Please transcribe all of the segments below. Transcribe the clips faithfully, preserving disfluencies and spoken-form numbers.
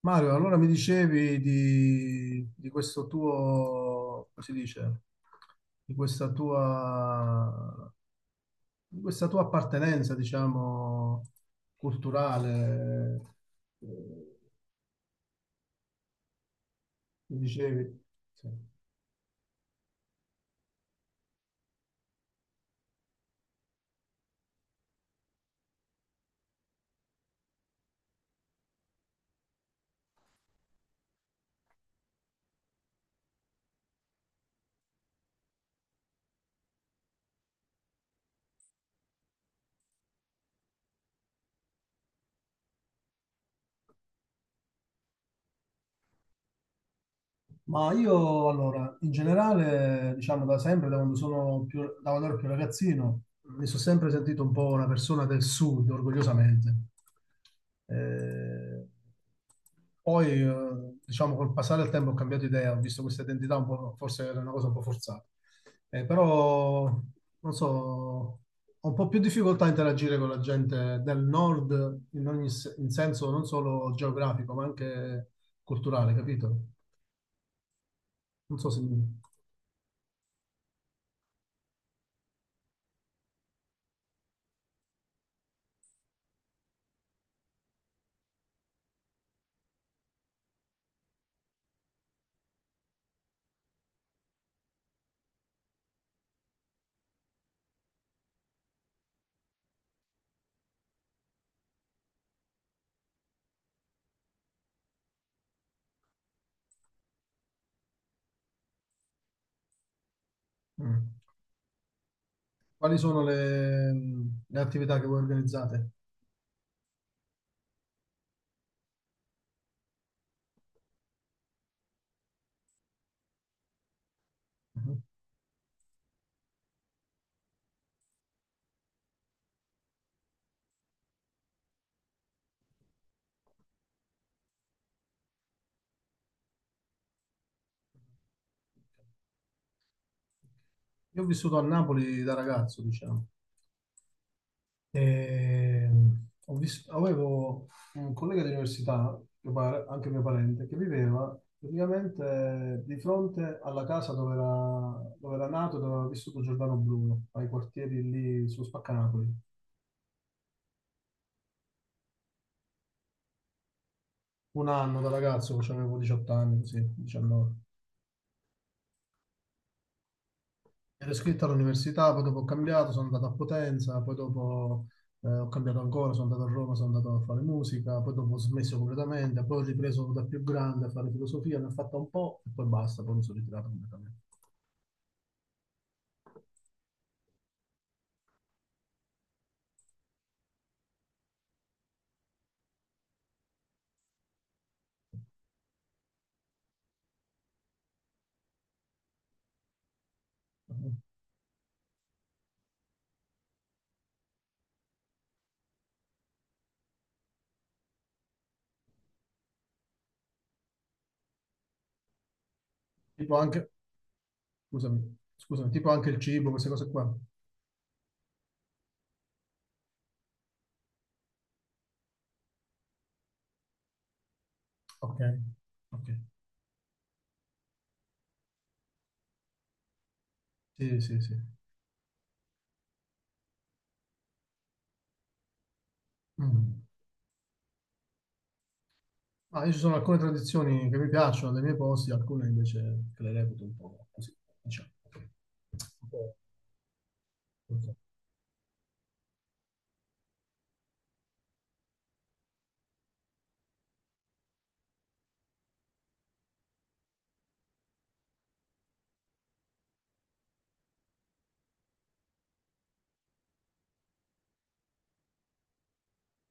Mario, allora mi dicevi di, di questo tuo, come si dice, di questa tua, di questa tua appartenenza, diciamo, culturale, eh, mi dicevi. Sì. Ma io allora, in generale, diciamo da sempre, da quando sono più, da quando ero più ragazzino, mi sono sempre sentito un po' una persona del sud, orgogliosamente. Eh, Poi, eh, diciamo, col passare del tempo ho cambiato idea, ho visto questa identità un po', forse era una cosa un po' forzata. Eh, però, non so, ho un po' più difficoltà a interagire con la gente del nord in ogni se- in senso non solo geografico, ma anche culturale, capito? Non so se... mm. Quali sono le, le attività che voi organizzate? Mhm. Io ho vissuto a Napoli da ragazzo, diciamo. E ho vis- avevo un collega di università, mio pare- anche mio parente, che viveva praticamente di fronte alla casa dove era, dove era nato e dove aveva vissuto Giordano Bruno, ai quartieri lì su Spaccanapoli. Un anno da ragazzo, cioè avevo diciotto anni, così, diciannove. Ero iscritto all'università, poi dopo ho cambiato, sono andato a Potenza, poi dopo eh, ho cambiato ancora, sono andato a Roma, sono andato a fare musica, poi dopo ho smesso completamente, poi ho ripreso da più grande a fare filosofia, ne ho fatta un po' e poi basta, poi mi sono ritirato completamente. Tipo anche, scusami, scusami, tipo anche il cibo, queste cose qua. Ok, ok. Sì, sì, sì. Mm. Ah, io ci sono alcune tradizioni che mi piacciono dei miei posti, alcune invece che le reputo un po' così, diciamo. Un po', non so.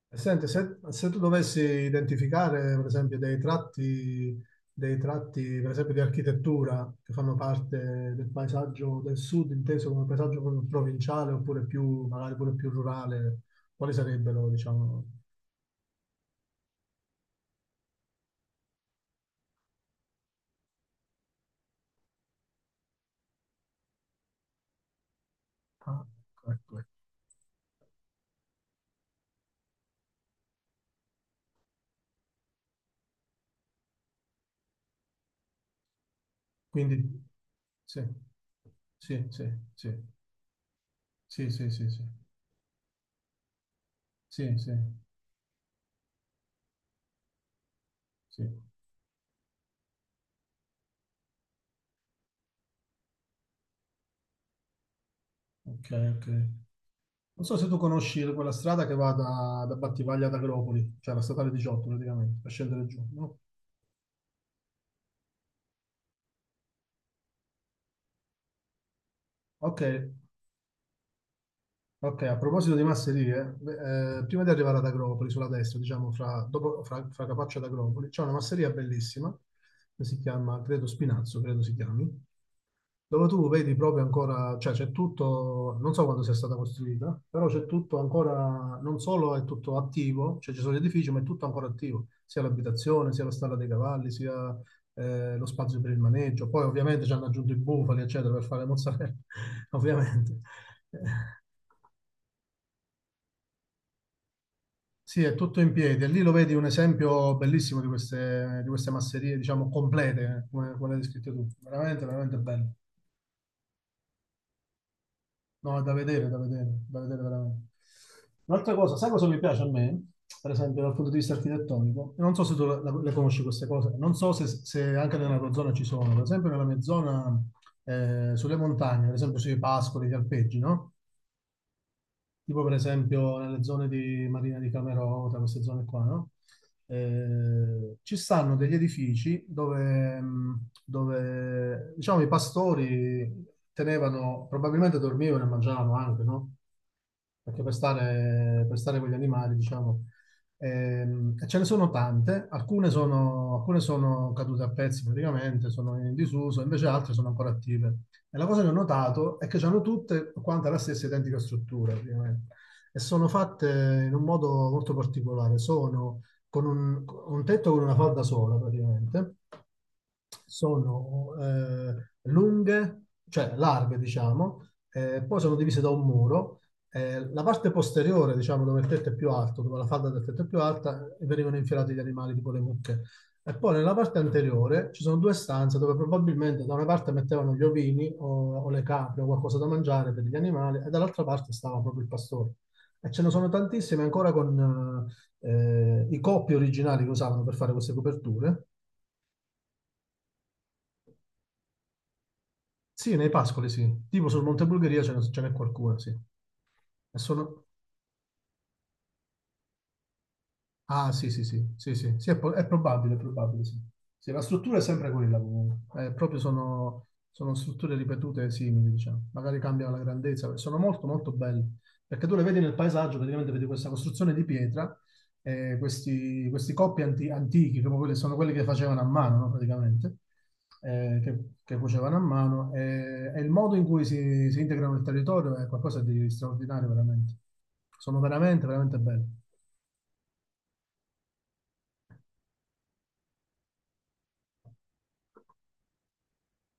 E senti, se, se tu dovessi identificare, per esempio, dei tratti, dei tratti, per esempio, di architettura che fanno parte del paesaggio del sud, inteso come paesaggio proprio provinciale oppure più, magari pure più rurale, quali sarebbero, diciamo? Ah, ecco, ecco. Quindi, sì, sì, sì, sì, sì, sì, sì, sì, sì, sì, sì. Ok, ok. Non so se tu conosci quella strada che va da, da Battivaglia ad Agropoli, cioè la statale diciotto praticamente, per scendere giù, no? Ok, ok, a proposito di masserie, beh, eh, prima di arrivare ad Agropoli, sulla destra, diciamo, fra, dopo, fra, fra Capaccio ad Agropoli, c'è una masseria bellissima, che si chiama, credo Spinazzo, credo si chiami, dove tu vedi proprio ancora, cioè c'è tutto, non so quando sia stata costruita, però c'è tutto ancora, non solo è tutto attivo, cioè ci sono gli edifici, ma è tutto ancora attivo, sia l'abitazione, sia la stalla dei cavalli, sia eh, lo spazio per il maneggio. Poi ovviamente ci hanno aggiunto i bufali, eccetera, per fare le mozzarella, ovviamente. Eh, Sì, è tutto in piedi e lì lo vedi un esempio bellissimo di queste, di queste, masserie, diciamo, complete, eh, come, come l'hai descritto tu. Veramente, veramente bello. No, è da vedere, da vedere, da vedere veramente. Un'altra cosa, sai cosa mi piace a me, per esempio dal punto di vista architettonico? E non so se tu la- la- le conosci queste cose, non so se, se anche nella tua zona ci sono, per esempio nella mia zona, eh, sulle montagne, per esempio sui pascoli, gli alpeggi, no? Tipo per esempio nelle zone di Marina di Camerota, queste zone qua, no? Eh, ci stanno degli edifici dove, mh, dove, diciamo, i pastori tenevano, probabilmente dormivano e mangiavano anche, no? Perché per stare, per stare con gli animali, diciamo, ehm, e ce ne sono tante, alcune sono, alcune sono cadute a pezzi praticamente, sono in disuso, invece altre sono ancora attive. E la cosa che ho notato è che hanno tutte quante la stessa identica struttura, praticamente. E sono fatte in un modo molto particolare, sono con un, un tetto con una falda sola, praticamente, sono eh, lunghe, cioè larghe, diciamo, eh, poi sono divise da un muro. Eh, la parte posteriore, diciamo, dove il tetto è più alto, dove la falda del tetto è più alta, venivano infilati gli animali, tipo le mucche. E poi nella parte anteriore ci sono due stanze dove probabilmente da una parte mettevano gli ovini o, o le capre o qualcosa da mangiare per gli animali e dall'altra parte stava proprio il pastore. E ce ne sono tantissime ancora con eh, i coppi originali che usavano per fare queste coperture. Sì, nei pascoli sì. Tipo sul Monte Bulgaria ce n'è ce n'è qualcuna, sì. E sono, Ah, sì, sì, sì, sì, sì, sì, è, po- è probabile, è probabile, sì. Sì, la struttura è sempre quella comunque. Eh, proprio sono, sono strutture ripetute simili, diciamo. Magari cambiano la grandezza, sono molto, molto belle. Perché tu le vedi nel paesaggio, praticamente vedi questa costruzione di pietra, eh, questi, questi, coppi anti- antichi, proprio quelli, sono quelli che facevano a mano, no, praticamente, eh, che, che, cuocevano a mano, e, e il modo in cui si, si integrano nel territorio è qualcosa di straordinario, veramente. Sono veramente, veramente belli,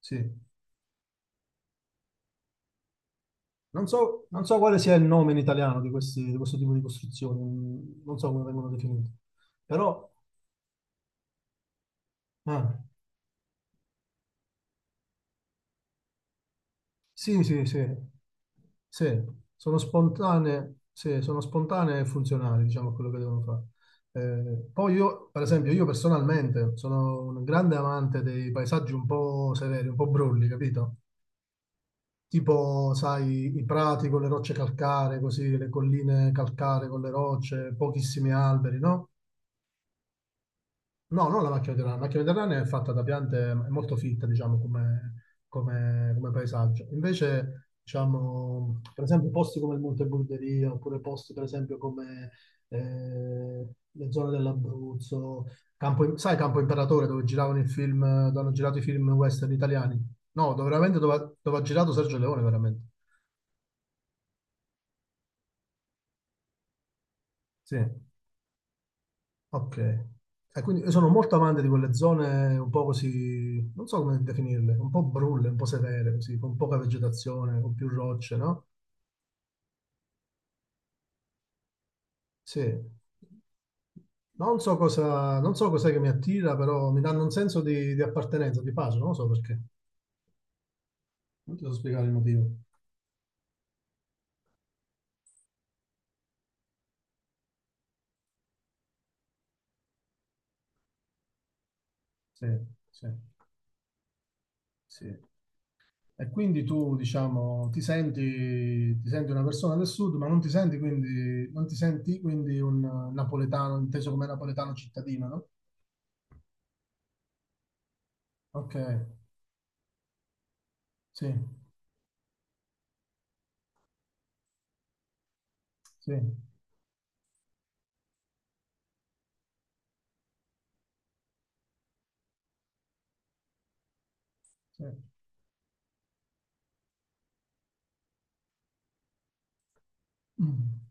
sì. Non so, non so quale sia il nome in italiano di, questi- di questo tipo di costruzioni, mm, non so come vengono definite, però ah, sì, sì, sì, sì, sono spontanee, sì, sono spontanee e funzionali, diciamo, a quello che devono fare. Eh, poi io, per esempio, io personalmente sono un grande amante dei paesaggi un po' severi, un po' brulli, capito? Tipo, sai, i prati con le rocce calcaree, così, le colline calcaree con le rocce, pochissimi alberi, no? No, non la macchina mediterranea. La macchina mediterranea è fatta da piante, è molto fitta, diciamo, come, come- come paesaggio. Invece, diciamo, per esempio, posti come il Monte Burderia, oppure posti, per esempio, come eh, le zone dell'Abruzzo, Campo- sai Campo Imperatore, dove giravano i film, dove hanno girato i film western italiani? No, dove, veramente dove, ha dove ha girato Sergio Leone, veramente. Sì. Ok. E quindi io sono molto amante di quelle zone un po' così, non so come definirle, un po' brulle, un po' severe, così, con poca vegetazione, con più rocce, no? Sì. Non so cosa, non so cos'è che mi attira, però mi danno un senso di, di appartenenza, di pace, non lo so perché. Non ti so spiegare il motivo. Sì, sì, sì. E quindi tu, diciamo, ti senti, ti senti, una persona del sud, ma non ti senti quindi, non ti senti quindi un napoletano, inteso come napoletano cittadino, no? Ok, sì, sì, sì. Mm,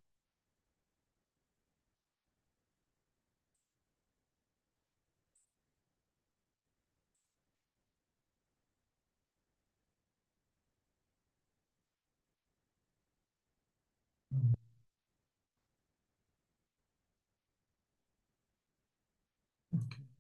ok.